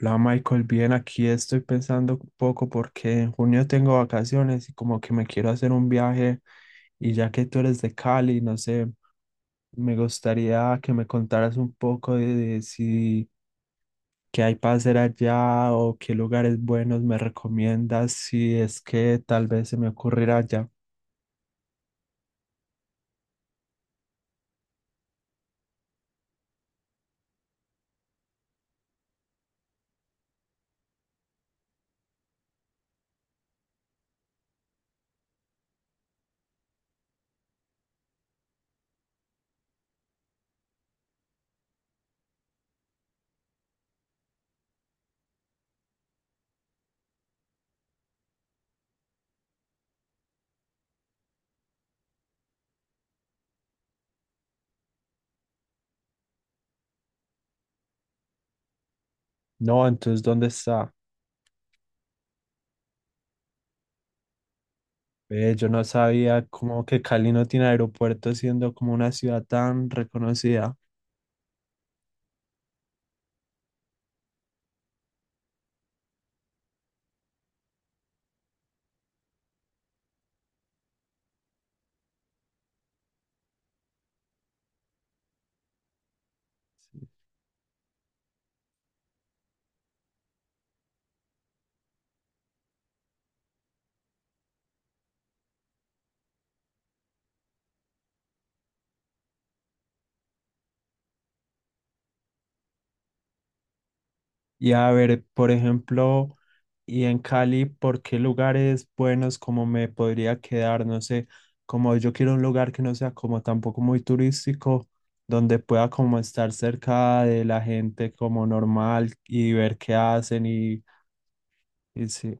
La Michael, bien, aquí estoy pensando un poco porque en junio tengo vacaciones y como que me quiero hacer un viaje, y ya que tú eres de Cali, no sé, me gustaría que me contaras un poco de si qué hay para hacer allá o qué lugares buenos me recomiendas, si es que tal vez se me ocurrirá allá. No, entonces, ¿dónde está? Ve, yo no sabía como que Cali no tiene aeropuerto siendo como una ciudad tan reconocida. Y a ver, por ejemplo... Y en Cali, ¿por qué lugares buenos como me podría quedar? No sé, como yo quiero un lugar que no sea como tampoco muy turístico, donde pueda como estar cerca de la gente como normal y ver qué hacen, y sí,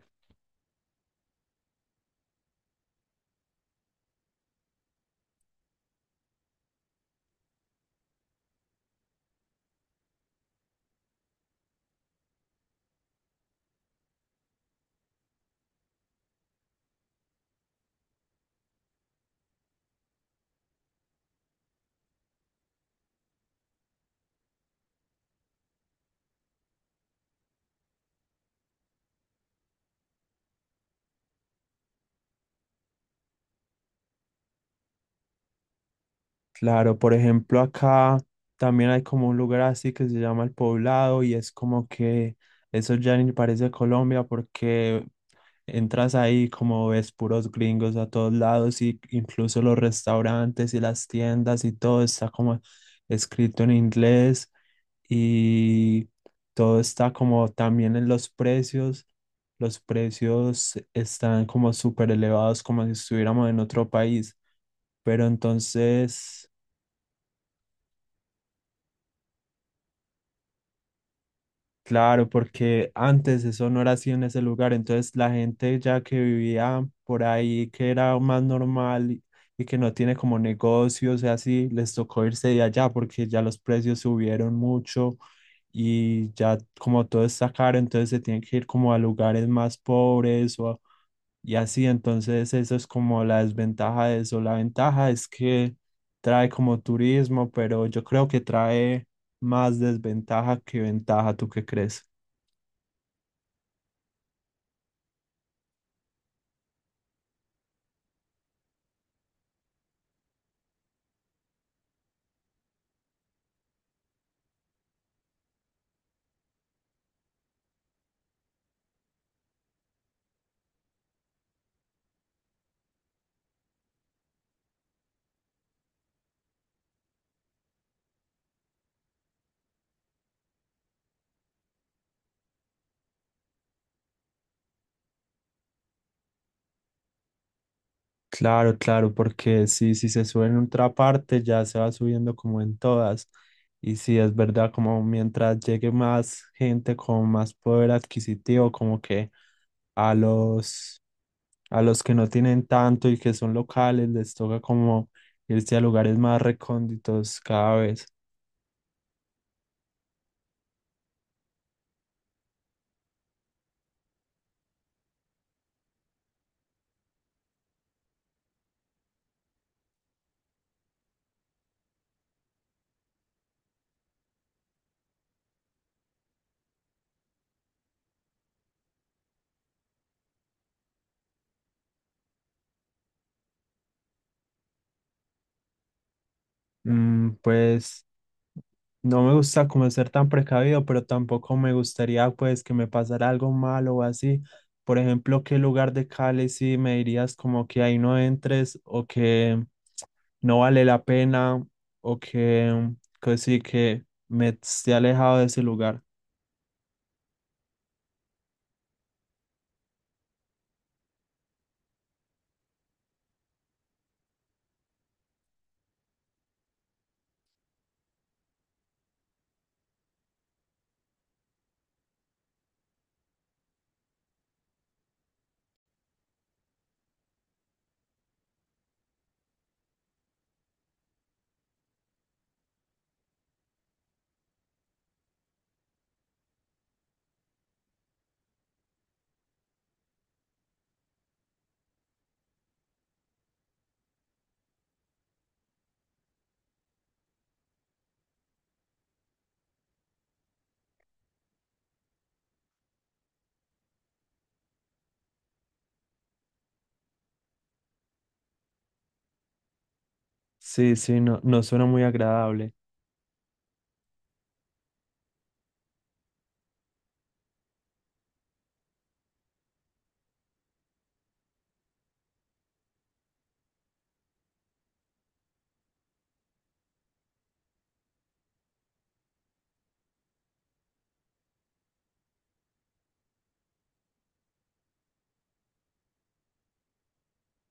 claro, por ejemplo, acá también hay como un lugar así que se llama El Poblado y es como que eso ya ni parece Colombia porque entras ahí como ves puros gringos a todos lados, y incluso los restaurantes y las tiendas y todo está como escrito en inglés, y todo está como también en los precios. Los precios están como súper elevados como si estuviéramos en otro país, pero entonces... Claro, porque antes eso no era así en ese lugar, entonces la gente ya que vivía por ahí, que era más normal y que no tiene como negocios y así, les tocó irse de allá porque ya los precios subieron mucho, y ya como todo está caro, entonces se tienen que ir como a lugares más pobres, o, y así, entonces eso es como la desventaja de eso. La ventaja es que trae como turismo, pero yo creo que trae más desventaja que ventaja, ¿tú qué crees? Claro, claro, porque si se sube en otra parte, ya se va subiendo como en todas. Y si es verdad, como mientras llegue más gente con más poder adquisitivo, como que a los, a los que no tienen tanto y que son locales, les toca como irse a lugares más recónditos cada vez. Pues no me gusta como ser tan precavido, pero tampoco me gustaría pues que me pasara algo malo o así. Por ejemplo, ¿qué lugar de Cali sí me dirías como que ahí no entres, o que no vale la pena, o que sí que me esté alejado de ese lugar? Sí, sí, no, no suena muy agradable.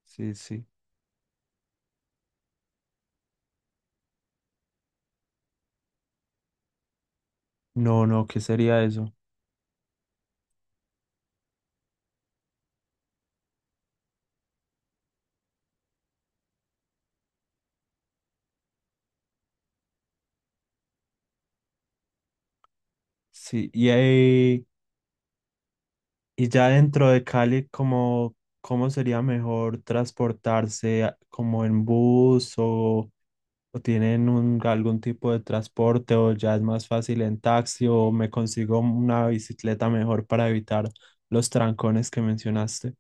Sí, sí. No, no, ¿qué sería eso? Sí, y ahí... Y ya dentro de Cali, ¿cómo, cómo sería mejor transportarse, a- como en bus, o tienen un, algún tipo de transporte, o ya es más fácil en taxi, o me consigo una bicicleta mejor para evitar los trancones que mencionaste?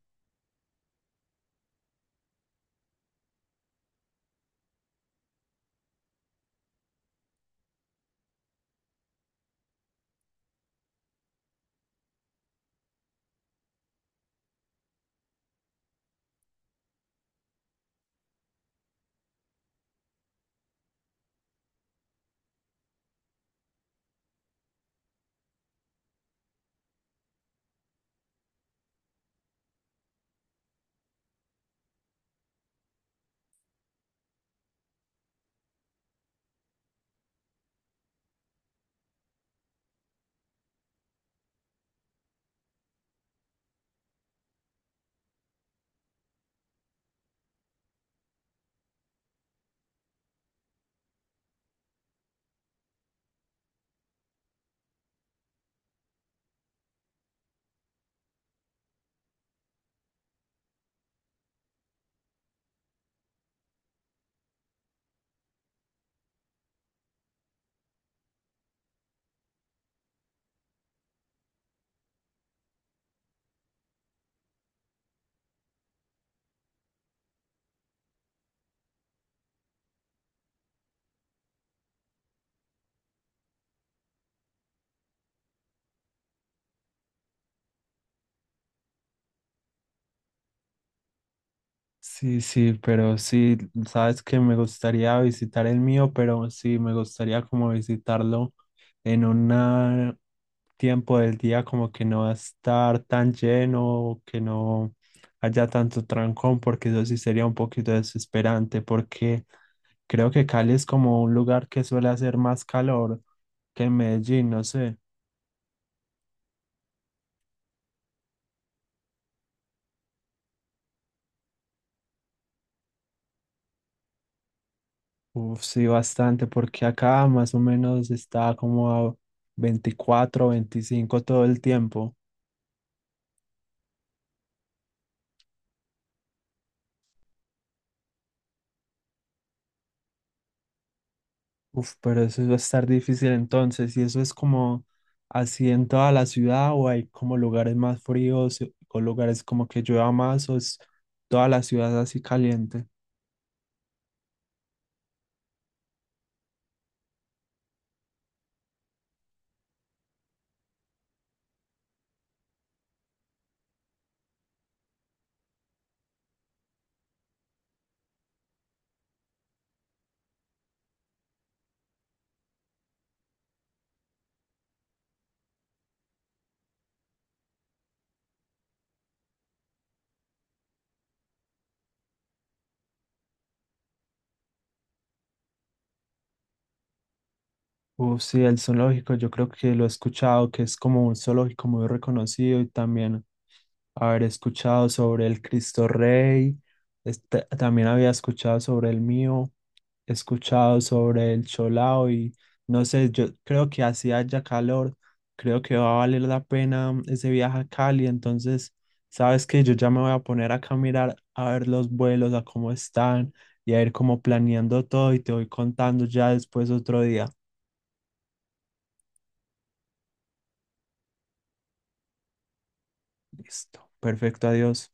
Sí, sí, pero sí, sabes que me gustaría visitar el mío, pero sí, me gustaría como visitarlo en un tiempo del día como que no va a estar tan lleno, que no haya tanto trancón, porque eso sí sería un poquito desesperante, porque creo que Cali es como un lugar que suele hacer más calor que Medellín, no sé. Uf, sí, bastante, porque acá más o menos está como a 24, 25 todo el tiempo. Uf, pero eso va a estar difícil entonces. ¿Y eso es como así en toda la ciudad, o hay como lugares más fríos, o lugares como que llueva más, o es toda la ciudad así caliente? Uf, sí, el zoológico, yo creo que lo he escuchado, que es como un zoológico muy reconocido, y también haber escuchado sobre el Cristo Rey, este, también había escuchado sobre el mío, escuchado sobre el Cholao y no sé, yo creo que así haya calor, creo que va a valer la pena, ese viaje a Cali, entonces, sabes que yo ya me voy a poner acá a mirar, a ver los vuelos, a cómo están y a ir como planeando todo y te voy contando ya después otro día. Listo, perfecto, adiós.